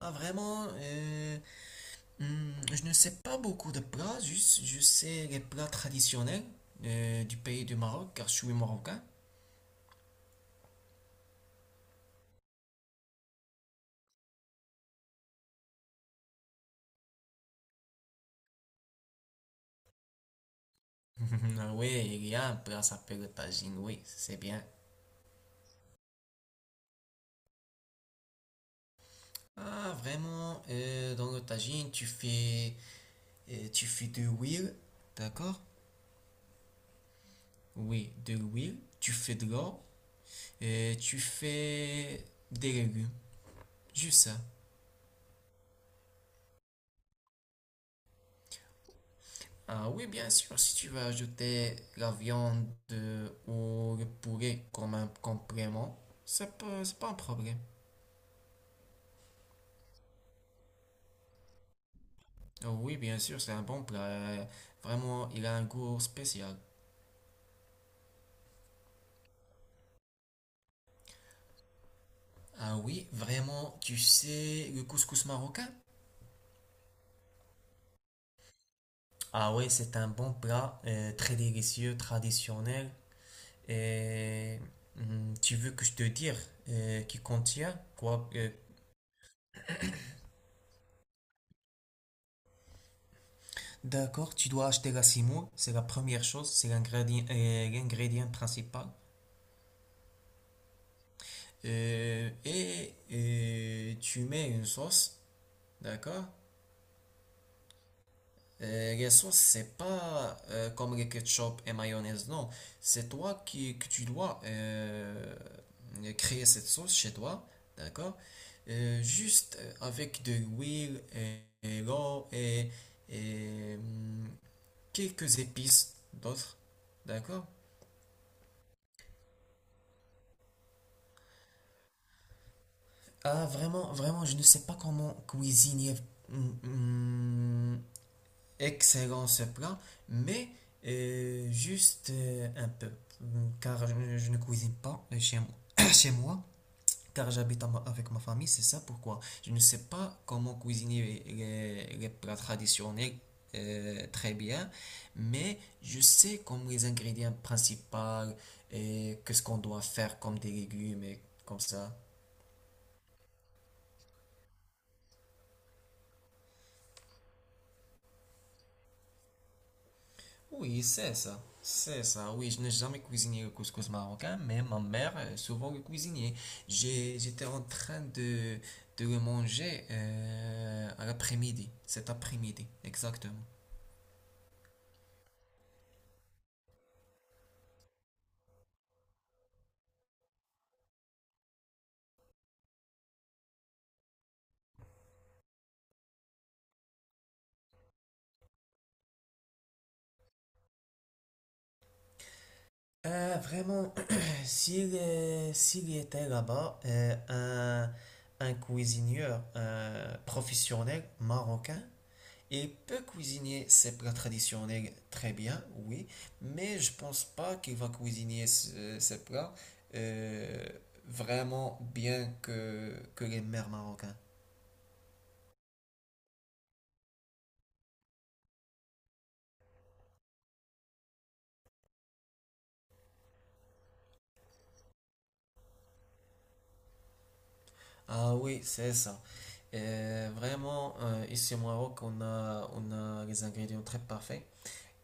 Ah, vraiment, je ne sais pas beaucoup de plats, juste je sais les plats traditionnels du pays du Maroc, car je suis marocain. Ah oui, il y a un plat qui s'appelle le tagine, oui, c'est bien. Ah, vraiment, dans le tagine, tu fais de l'huile, d'accord? Oui, de l'huile, tu fais de l'eau, et tu fais des légumes, juste ça. Ah oui, bien sûr, si tu veux ajouter la viande ou le poulet comme un complément, c'est pas un problème. Ah oui, bien sûr, c'est un bon plat. Vraiment, il a un goût spécial. Ah oui, vraiment, tu sais le couscous marocain? Ah ouais, c'est un bon plat, très délicieux, traditionnel. Et tu veux que je te dise qui contient quoi? D'accord, tu dois acheter la semoule, c'est la première chose, c'est l'ingrédient l'ingrédient principal. Et tu mets une sauce, d'accord? La sauce, c'est pas comme les ketchup et mayonnaise, non. C'est toi qui que tu dois créer cette sauce chez toi, d'accord? Juste avec de l'huile et l'eau et quelques épices d'autres, d'accord? Ah, vraiment, vraiment, je ne sais pas comment cuisiner mm, mm, excellent ce plat, mais juste un peu. Car je ne cuisine pas chez moi, chez moi, car j'habite avec ma famille, c'est ça pourquoi. Je ne sais pas comment cuisiner les plats traditionnels très bien, mais je sais comme les ingrédients principaux et qu'est-ce qu'on doit faire comme des légumes et comme ça. Oui, c'est ça. C'est ça, oui, je n'ai jamais cuisiné le couscous marocain, mais ma mère souvent le cuisinait. J'étais en train de le manger à l'après-midi, cet après-midi, exactement. Ah, vraiment, s'il y était là-bas, un cuisinier professionnel marocain, il peut cuisiner ses plats traditionnels très bien, oui, mais je pense pas qu'il va cuisiner ces plats euh, vraiment bien que les mères marocains. Ah oui, c'est ça. Vraiment, ici au Maroc, on a les ingrédients très parfaits,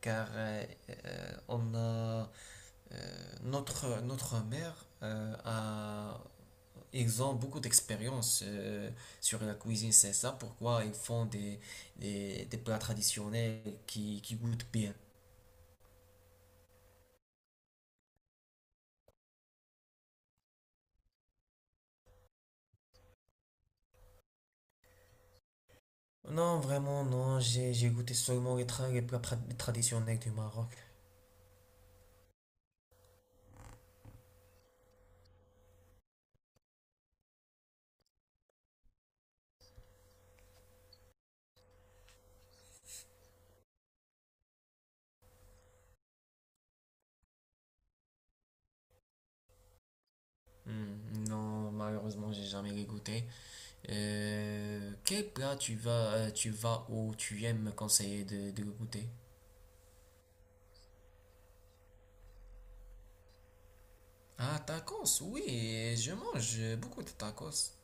car on a notre mère ils ont beaucoup d'expérience sur la cuisine, c'est ça pourquoi ils font des plats traditionnels qui goûtent bien. Non, vraiment, non, j'ai goûté seulement les plats traditionnels du Maroc. Hmm, non, malheureusement, j'ai jamais les goûté. Quel plat tu vas ou tu aimes me conseiller de goûter? Ah, tacos, oui, je mange beaucoup de tacos.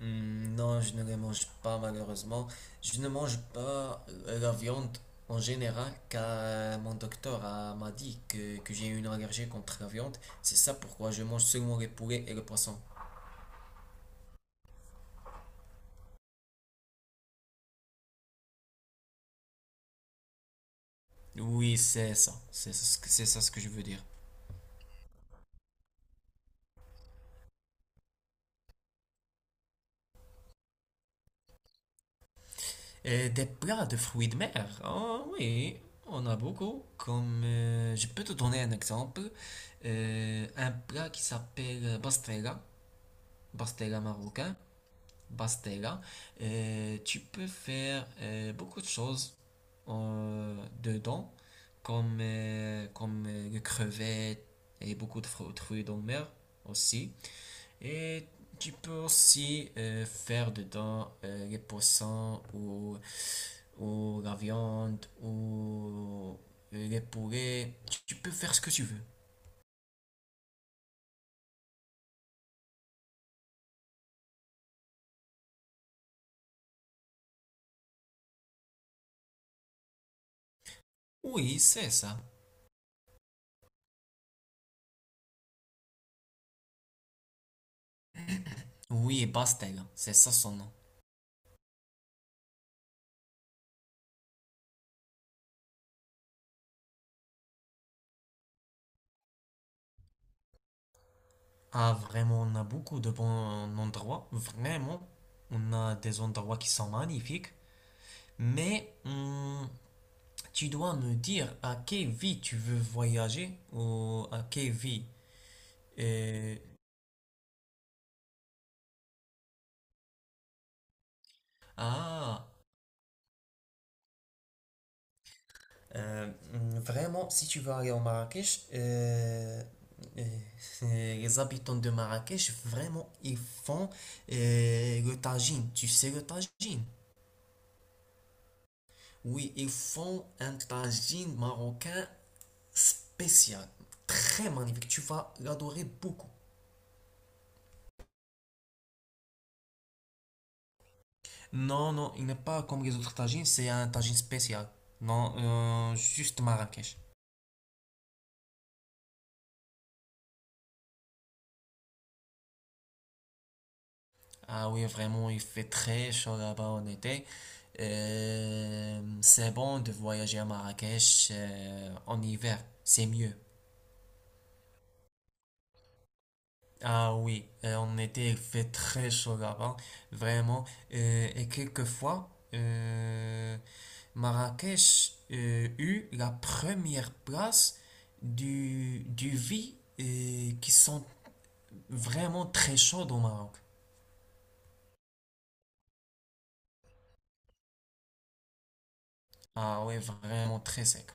Hmm, non, je ne les mange pas malheureusement. Je ne mange pas la viande en général car mon docteur m'a dit que j'ai une allergie contre la viande. C'est ça pourquoi je mange seulement les poulets et le poisson. Oui, c'est ça. C'est ça, c'est ça ce que je veux dire. Et des plats de fruits de mer. Ah oui, on a beaucoup. Comme je peux te donner un exemple. Un plat qui s'appelle bastella, bastella marocain. Bastega, tu peux faire beaucoup de choses euh, dedans, comme les crevettes et beaucoup de fruits de mer aussi. Et tu peux aussi faire dedans les poissons ou la viande ou les poulets. Tu peux faire ce que tu veux. Oui, c'est ça. Oui, Bastega, c'est ça son nom. Ah, vraiment, on a beaucoup de bons endroits. Vraiment, on a des endroits qui sont magnifiques. Mais tu dois me dire à quelle vie tu veux voyager ou à quelle vie. Et- ah, Vraiment, si tu veux aller au Marrakech, euh, les habitants de Marrakech, vraiment, ils font le tagine. Tu sais le tagine? Oui, ils font un tagine marocain spécial, très magnifique. Tu vas l'adorer beaucoup. Non, non, il n'est pas comme les autres tagines, c'est un tagine spécial. Non, juste Marrakech. Ah oui, vraiment, il fait très chaud là-bas en été. C'est bon de voyager à Marrakech en hiver, c'est mieux. Ah oui, en été, il fait très chaud là-bas, vraiment. Et quelquefois, Marrakech eut la première place du vie qui sont vraiment très chauds au Maroc. Ah ouais vraiment très sec.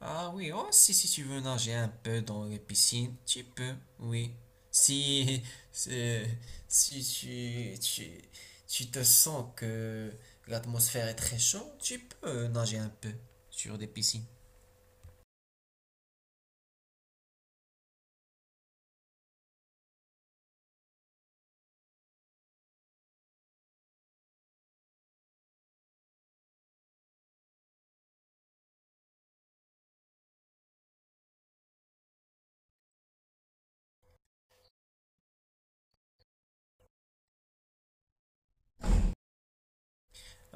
Ah oui, oh, si, si tu veux nager un peu dans les piscines, tu peux, oui. Si, euh, si tu, tu, tu te sens que l'atmosphère est très chaude, tu peux nager un peu sur des piscines.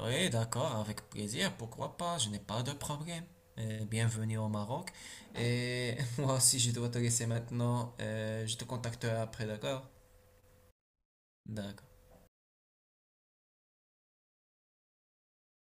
Oui, d'accord, avec plaisir, pourquoi pas, je n'ai pas de problème. Bienvenue au Maroc. Et moi aussi, je dois te laisser maintenant. Je te contacterai après, d'accord? D'accord.